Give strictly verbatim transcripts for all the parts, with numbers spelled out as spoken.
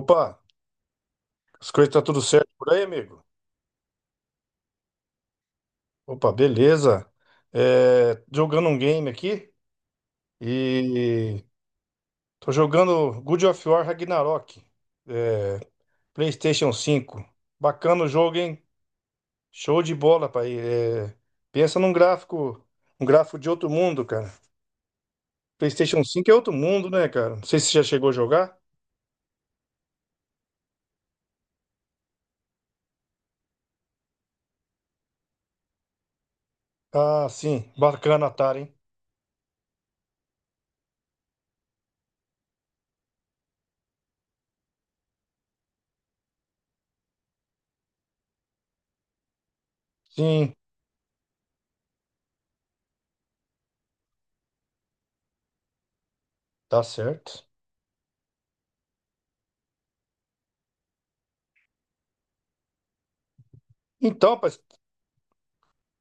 Opa, as coisas tá tudo certo por aí, amigo? Opa, beleza. É, jogando um game aqui e tô jogando Good of War Ragnarok, é, PlayStation cinco. Bacana o jogo, hein? Show de bola, pai. É, pensa num gráfico, um gráfico de outro mundo, cara. PlayStation cinco é outro mundo, né, cara? Não sei se você já chegou a jogar. Ah, sim, bacana, Atari, hein? Sim, tá certo. Então, pai,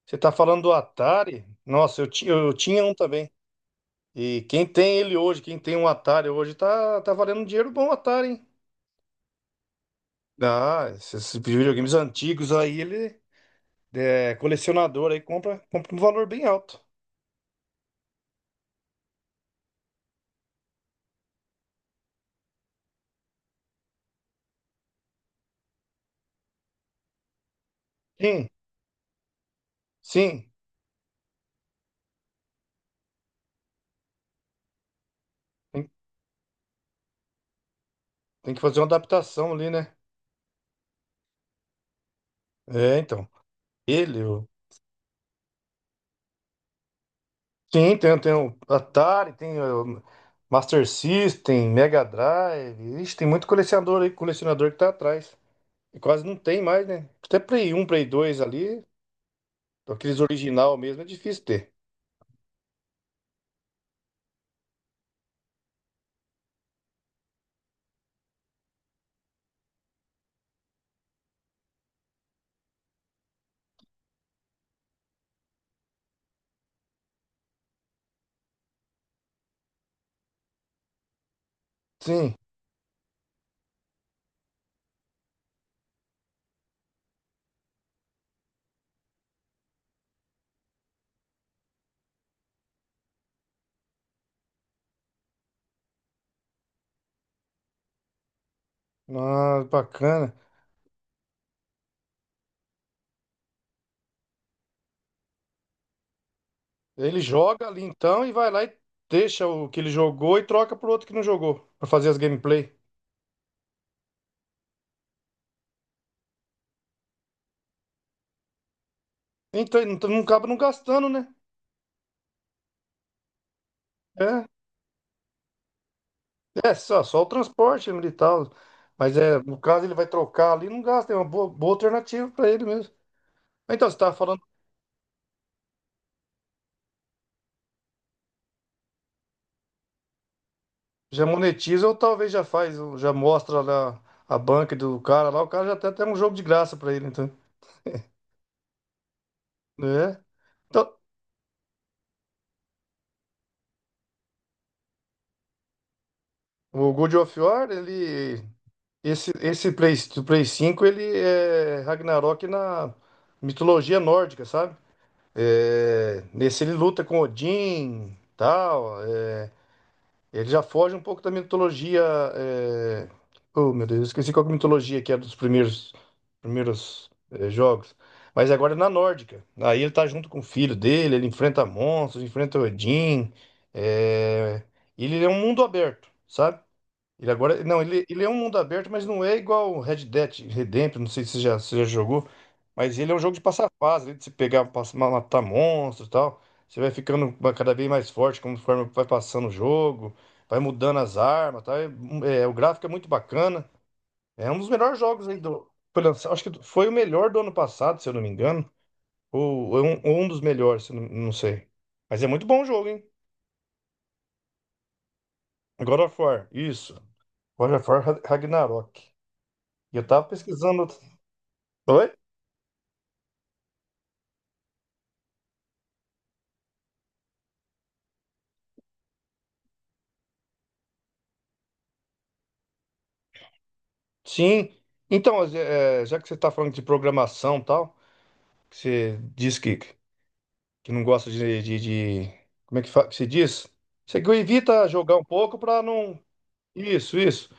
você tá falando do Atari? Nossa, eu, ti- eu tinha um também. E quem tem ele hoje, quem tem um Atari hoje, tá, tá valendo um dinheiro bom, o Atari, hein? Ah, esses videogames antigos aí, ele é colecionador aí, compra, compra um valor bem alto. Sim, sim. Tem, tem que fazer uma adaptação ali, né? É, então. Ele, o- sim, tem, tem o Atari, tem o Master System, Mega Drive. Ixi, tem muito colecionador aí, colecionador que tá atrás. E quase não tem mais, né? Até Play um Play dois ali, aqueles original mesmo, é difícil ter. Sim, ah, bacana. Ele joga ali então e vai lá e deixa o que ele jogou e troca pro outro que não jogou, pra fazer as gameplay. Então então não acaba não gastando, né? É, é só, só o transporte militar. Mas é, no caso ele vai trocar ali, não gasta, é uma boa, boa alternativa para ele mesmo. Então você tava falando, já monetiza ou talvez já faz, ou já mostra lá a banca do cara lá, o cara já tem até um jogo de graça para ele, então. Né? Então, o God of War, ele. Esse, esse Play, do Play cinco ele é Ragnarok na mitologia nórdica, sabe? É, nesse ele luta com Odin, tal. É, ele já foge um pouco da mitologia. é, oh, meu Deus, eu esqueci qual que é a mitologia que era dos primeiros, primeiros é, jogos. Mas agora é na nórdica. Aí ele tá junto com o filho dele, ele enfrenta monstros, enfrenta Odin. é, Ele é um mundo aberto, sabe? Ele agora. Não, ele, ele é um mundo aberto, mas não é igual o Red Dead Redemption. Não sei se você já, se já jogou. Mas ele é um jogo de passar fase, né, de se pegar, passar, ma- matar monstros e tal. Você vai ficando ba- cada vez mais forte conforme vai passando o jogo. Vai mudando as armas, tá? É, um- é, o gráfico é muito bacana. É um dos melhores jogos aí do. Foi lançado, acho que foi o melhor do ano passado, se eu não me engano. Ou, ou um, ou um dos melhores, se eu não, não sei. Mas é muito bom o jogo, hein? God of War, isso. God of War Ra- Ragnarok. E eu tava pesquisando. Oi? Sim. Então, eh, eh, já que você está falando de programação e tal, que você diz que, que não gosta de, de, de- como é que, fa- que se diz? Você que evita jogar um pouco para não. Isso, isso.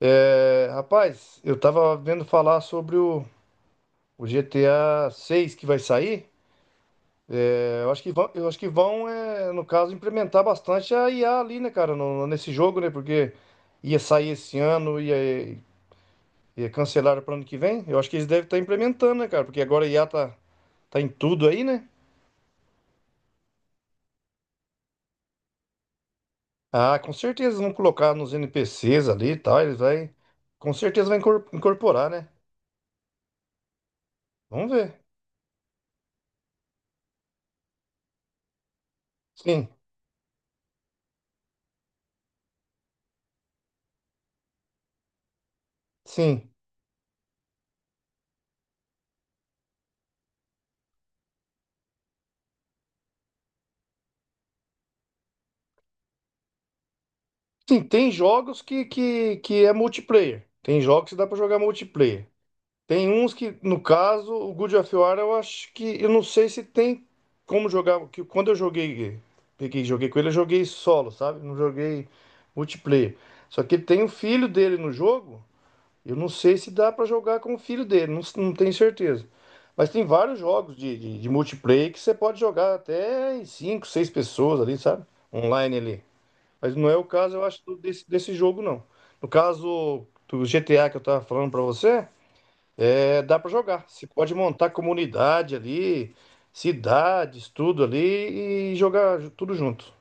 Eh, rapaz, eu tava vendo falar sobre o, o G T A seis que vai sair. Eh, eu acho que vão, eu acho que vão, eh, no caso, implementar bastante a I A ali, né, cara, no- nesse jogo, né? Porque ia sair esse ano, ia, e cancelaram para ano que vem? Eu acho que eles devem estar implementando, né, cara? Porque agora a I A tá, tá em tudo aí, né? Ah, com certeza eles vão colocar nos N P Cs ali e tal. Eles vai. Com certeza vai incor- incorporar, né? Vamos ver. Sim, sim. Sim, tem jogos que, que, que é multiplayer. Tem jogos que dá para jogar multiplayer. Tem uns que, no caso, o Good of War, eu acho que. Eu não sei se tem como jogar. Que quando eu joguei. Peguei, e joguei com ele, eu joguei solo, sabe? Não joguei multiplayer. Só que tem o filho dele no jogo. Eu não sei se dá pra jogar com o filho dele. Não, não tenho certeza. Mas tem vários jogos de, de, de multiplayer que você pode jogar até em cinco, seis pessoas ali, sabe? Online ali. Mas não é o caso, eu acho, do- desse, desse jogo, não. No caso do G T A que eu tava falando pra você. É, dá pra jogar. Você pode montar comunidade ali, cidades, tudo ali e jogar ju- tudo junto.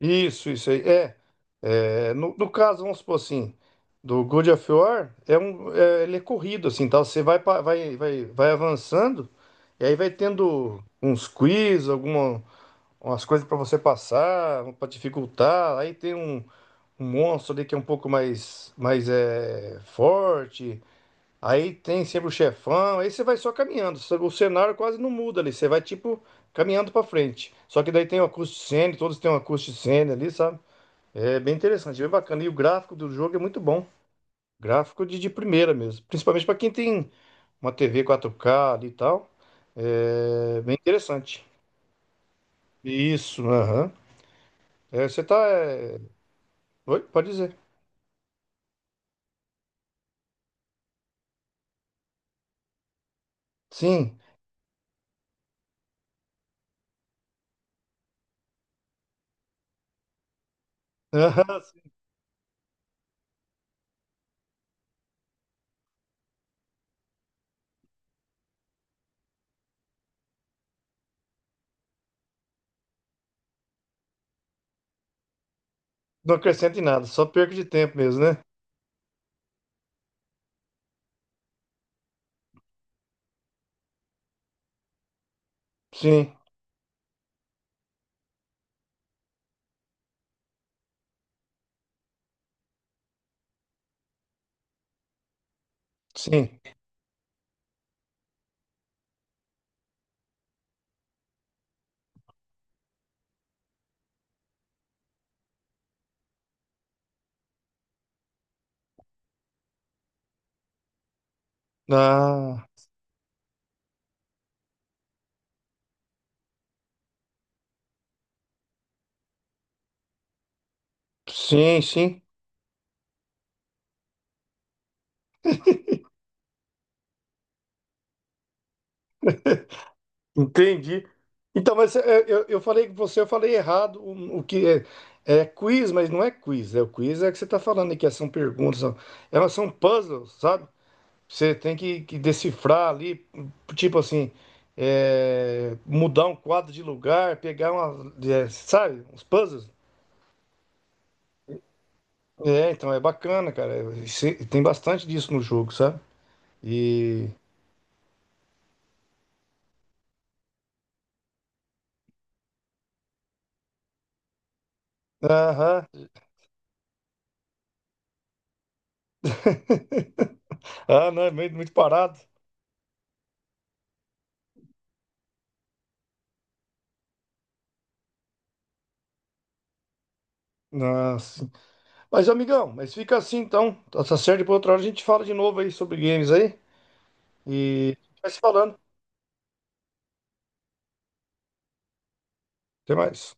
Isso, isso aí. É, é, no, no caso, vamos supor assim, do God of War, é um, é, ele é corrido, assim, tal. Você vai, pa- vai, vai, vai avançando e aí vai tendo uns quiz, alguma, umas coisas para você passar, para dificultar. Aí tem um, um monstro ali que é um pouco mais, mais é, forte. Aí tem sempre o chefão, aí você vai só caminhando. só- O cenário quase não muda ali, você vai tipo caminhando pra frente. Só que daí tem uma acústico cena, todos têm uma acústico cena ali, sabe? É bem interessante, bem bacana. E o gráfico do jogo é muito bom. Gráfico de, de primeira mesmo. Principalmente pra quem tem uma T V quatro K ali e tal. É bem interessante. Isso, aham. É, você tá. é, Oi, pode dizer. Sim. Aham, sim. Não acrescenta em nada, só perca de tempo mesmo, né? Sim, sim. Ah. Sim, sim, entendi. Então, mas é, é, eu, eu falei com você, eu falei errado o, o que é, é quiz, mas não é quiz. É o quiz é que você está falando aqui, é, são perguntas, são- elas são puzzles, sabe? Você tem que, que decifrar ali, tipo assim, é, mudar um quadro de lugar, pegar uma, é, sabe, uns puzzles. É, então é bacana, cara. é, se- Tem bastante disso no jogo, sabe? E. Aham. Ah, não, é muito, muito parado. Nossa. Mas, amigão, mas fica assim então. Tá tá certo, depois outra hora a gente fala de novo aí sobre games aí. E vai se falando. Até mais.